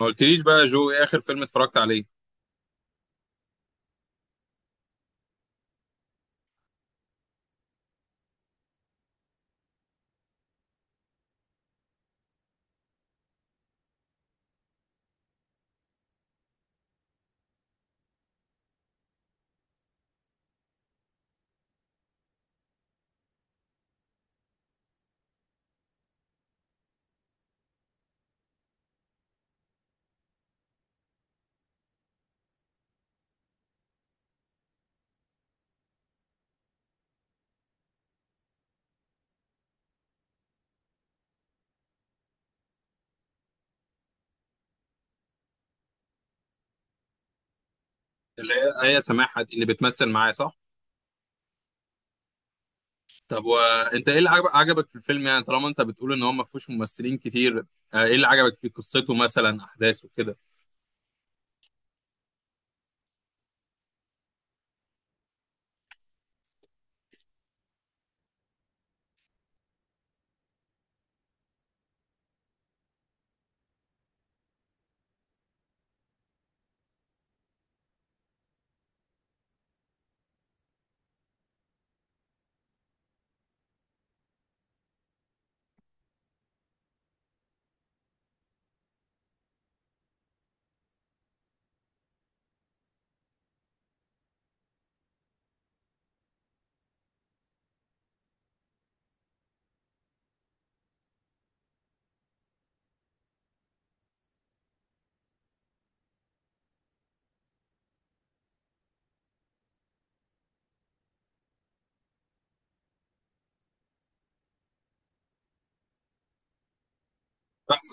ما قلتليش بقى جو، ايه اخر فيلم اتفرجت عليه؟ اللي هي آية سماحة دي اللي بتمثل معايا، صح؟ طب وانت، ايه اللي عجبك في الفيلم؟ يعني طالما انت بتقول ان هو ما فيهوش ممثلين كتير، ايه اللي عجبك في قصته، مثلا احداثه كده؟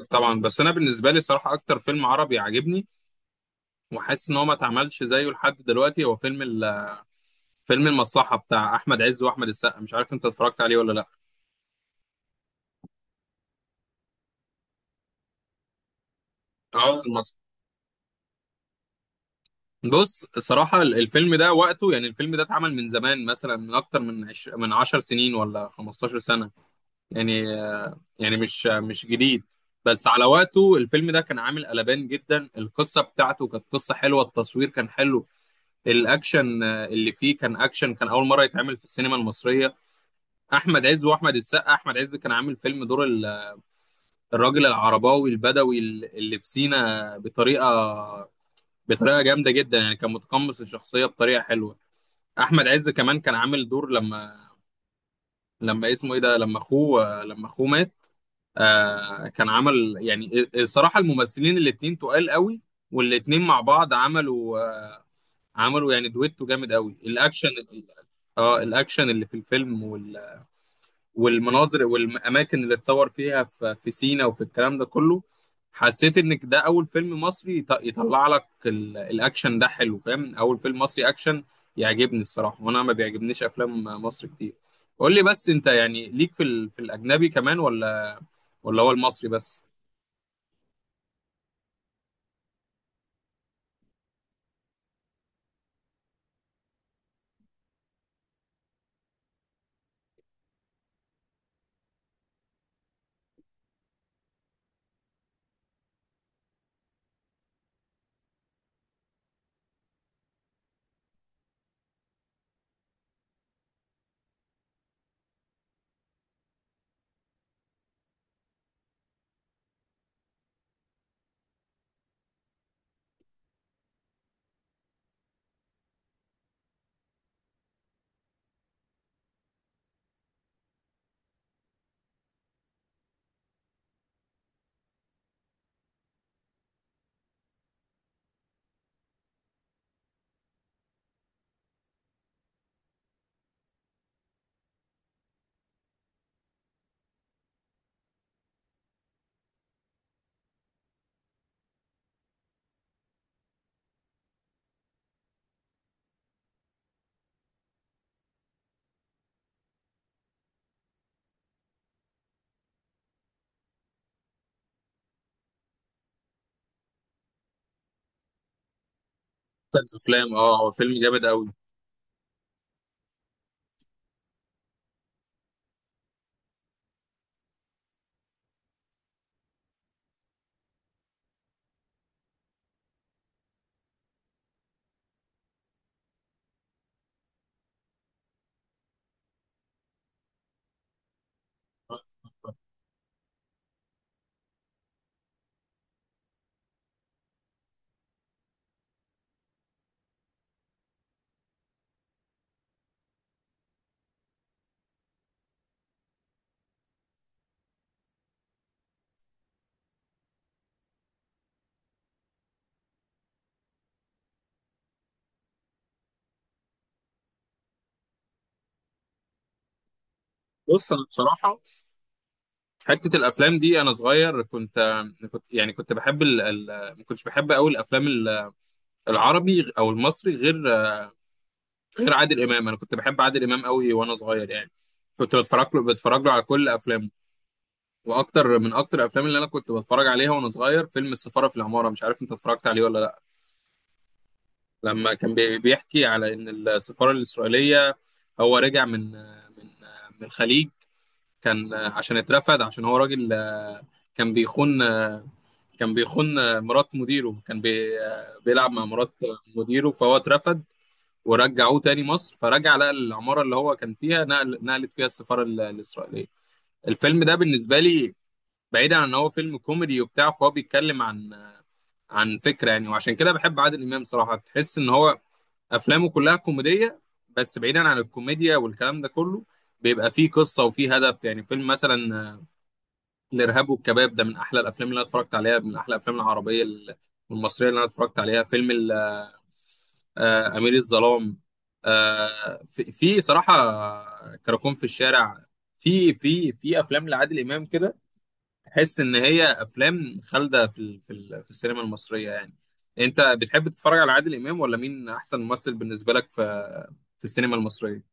طبعا، بس انا بالنسبه لي صراحه اكتر فيلم عربي عاجبني وحاسس ان هو ما اتعملش زيه لحد دلوقتي هو فيلم المصلحه بتاع احمد عز واحمد السقا، مش عارف انت اتفرجت عليه ولا لا. اه، المصلحه. بص الصراحه الفيلم ده وقته، يعني الفيلم ده اتعمل من زمان، مثلا من اكتر من 10 سنين ولا 15 سنه. يعني يعني مش جديد. بس على وقته الفيلم ده كان عامل قلبان جدا، القصة بتاعته كانت قصة حلوة، التصوير كان حلو، الأكشن اللي فيه كان أكشن، كان أول مرة يتعمل في السينما المصرية. أحمد عز وأحمد السقا، أحمد عز كان عامل فيلم دور الراجل العرباوي البدوي اللي في سينا بطريقة جامدة جدا، يعني كان متقمص الشخصية بطريقة حلوة. أحمد عز كمان كان عامل دور لما اسمه إيه ده، لما أخوه، لما أخوه مات. آه، كان عمل، يعني الصراحة الممثلين الاتنين تقال قوي، والاتنين مع بعض عملوا، عملوا يعني دويتو جامد قوي. الأكشن، اه الأكشن اللي في الفيلم والمناظر والأماكن اللي اتصور فيها في سينا وفي الكلام ده كله، حسيت إنك ده أول فيلم مصري يطلع لك الأكشن ده حلو، فاهم؟ أول فيلم مصري أكشن يعجبني الصراحة، وأنا ما بيعجبنيش أفلام مصر كتير. قول لي بس أنت، يعني ليك في الأجنبي كمان، ولا هو المصري بس؟ الافلام، اه هو فيلم جامد قوي. بص انا بصراحه، حته الافلام دي انا صغير كنت يعني كنت بحب ما كنتش بحب قوي الافلام العربي او المصري غير عادل امام. انا كنت بحب عادل امام قوي وانا صغير، يعني كنت بتفرج له على كل افلامه. واكتر من اكتر الافلام اللي انا كنت بتفرج عليها وانا صغير فيلم السفاره في العماره، مش عارف انت اتفرجت عليه ولا لا. لما كان بيحكي على ان السفاره الاسرائيليه، هو رجع من الخليج. كان عشان اترفد، عشان هو راجل، كان بيخون، مرات مديره، كان بي آه، بيلعب مع مرات مديره، فهو اترفد. ورجعوه تاني مصر، فرجع لقى العمارة اللي هو كان فيها نقلت فيها السفارة الإسرائيلية. الفيلم ده بالنسبة لي، بعيدا عن ان هو فيلم كوميدي وبتاع، فهو بيتكلم عن عن فكرة يعني، وعشان كده بحب عادل إمام صراحة. تحس ان هو افلامه كلها كوميدية، بس بعيدا عن الكوميديا والكلام ده كله بيبقى فيه قصة وفيه هدف. يعني فيلم مثلا الارهاب والكباب ده من احلى الافلام اللي انا اتفرجت عليها، من احلى الافلام العربيه والمصريه اللي انا اتفرجت عليها. فيلم امير الظلام، في صراحه كراكون في الشارع. في افلام لعادل امام كده، تحس ان هي افلام خالده في السينما المصريه. يعني انت بتحب تتفرج على عادل امام، ولا مين احسن ممثل بالنسبه لك في في السينما المصريه؟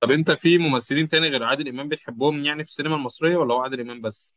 طب انت في ممثلين تاني غير عادل امام بتحبهم يعني في السينما المصريه، ولا هو عادل امام بس؟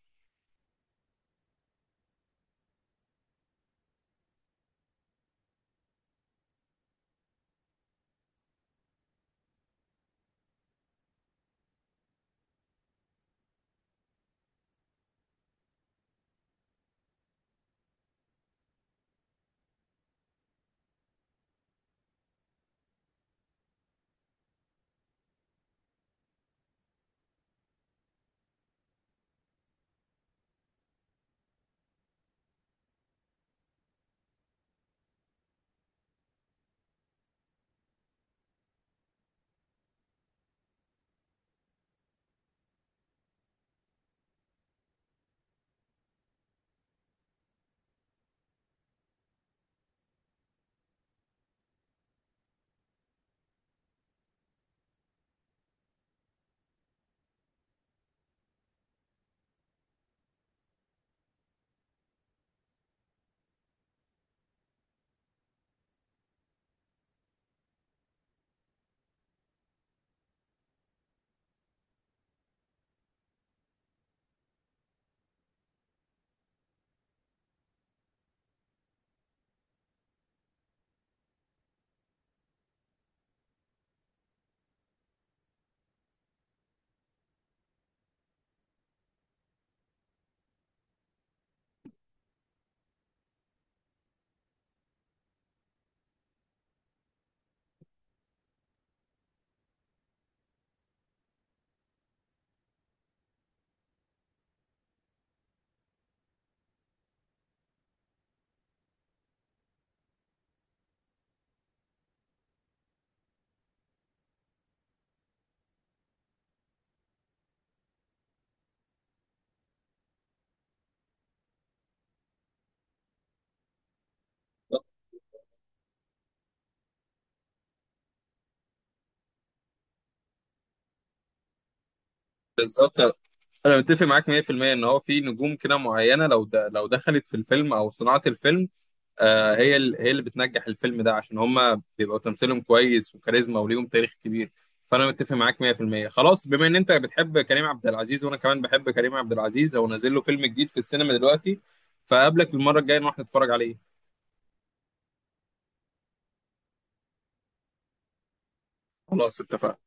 بالظبط، انا متفق معاك 100% ان هو في نجوم كده معينه لو دخلت في الفيلم او صناعه الفيلم. آه، هي اللي بتنجح الفيلم ده، عشان هم بيبقوا تمثيلهم كويس وكاريزما وليهم تاريخ كبير. فانا متفق معاك 100%. خلاص، بما ان انت بتحب كريم عبد العزيز وانا كمان بحب كريم عبد العزيز او نازل له فيلم جديد في السينما دلوقتي، فقابلك المره الجايه نروح نتفرج عليه. خلاص اتفقنا.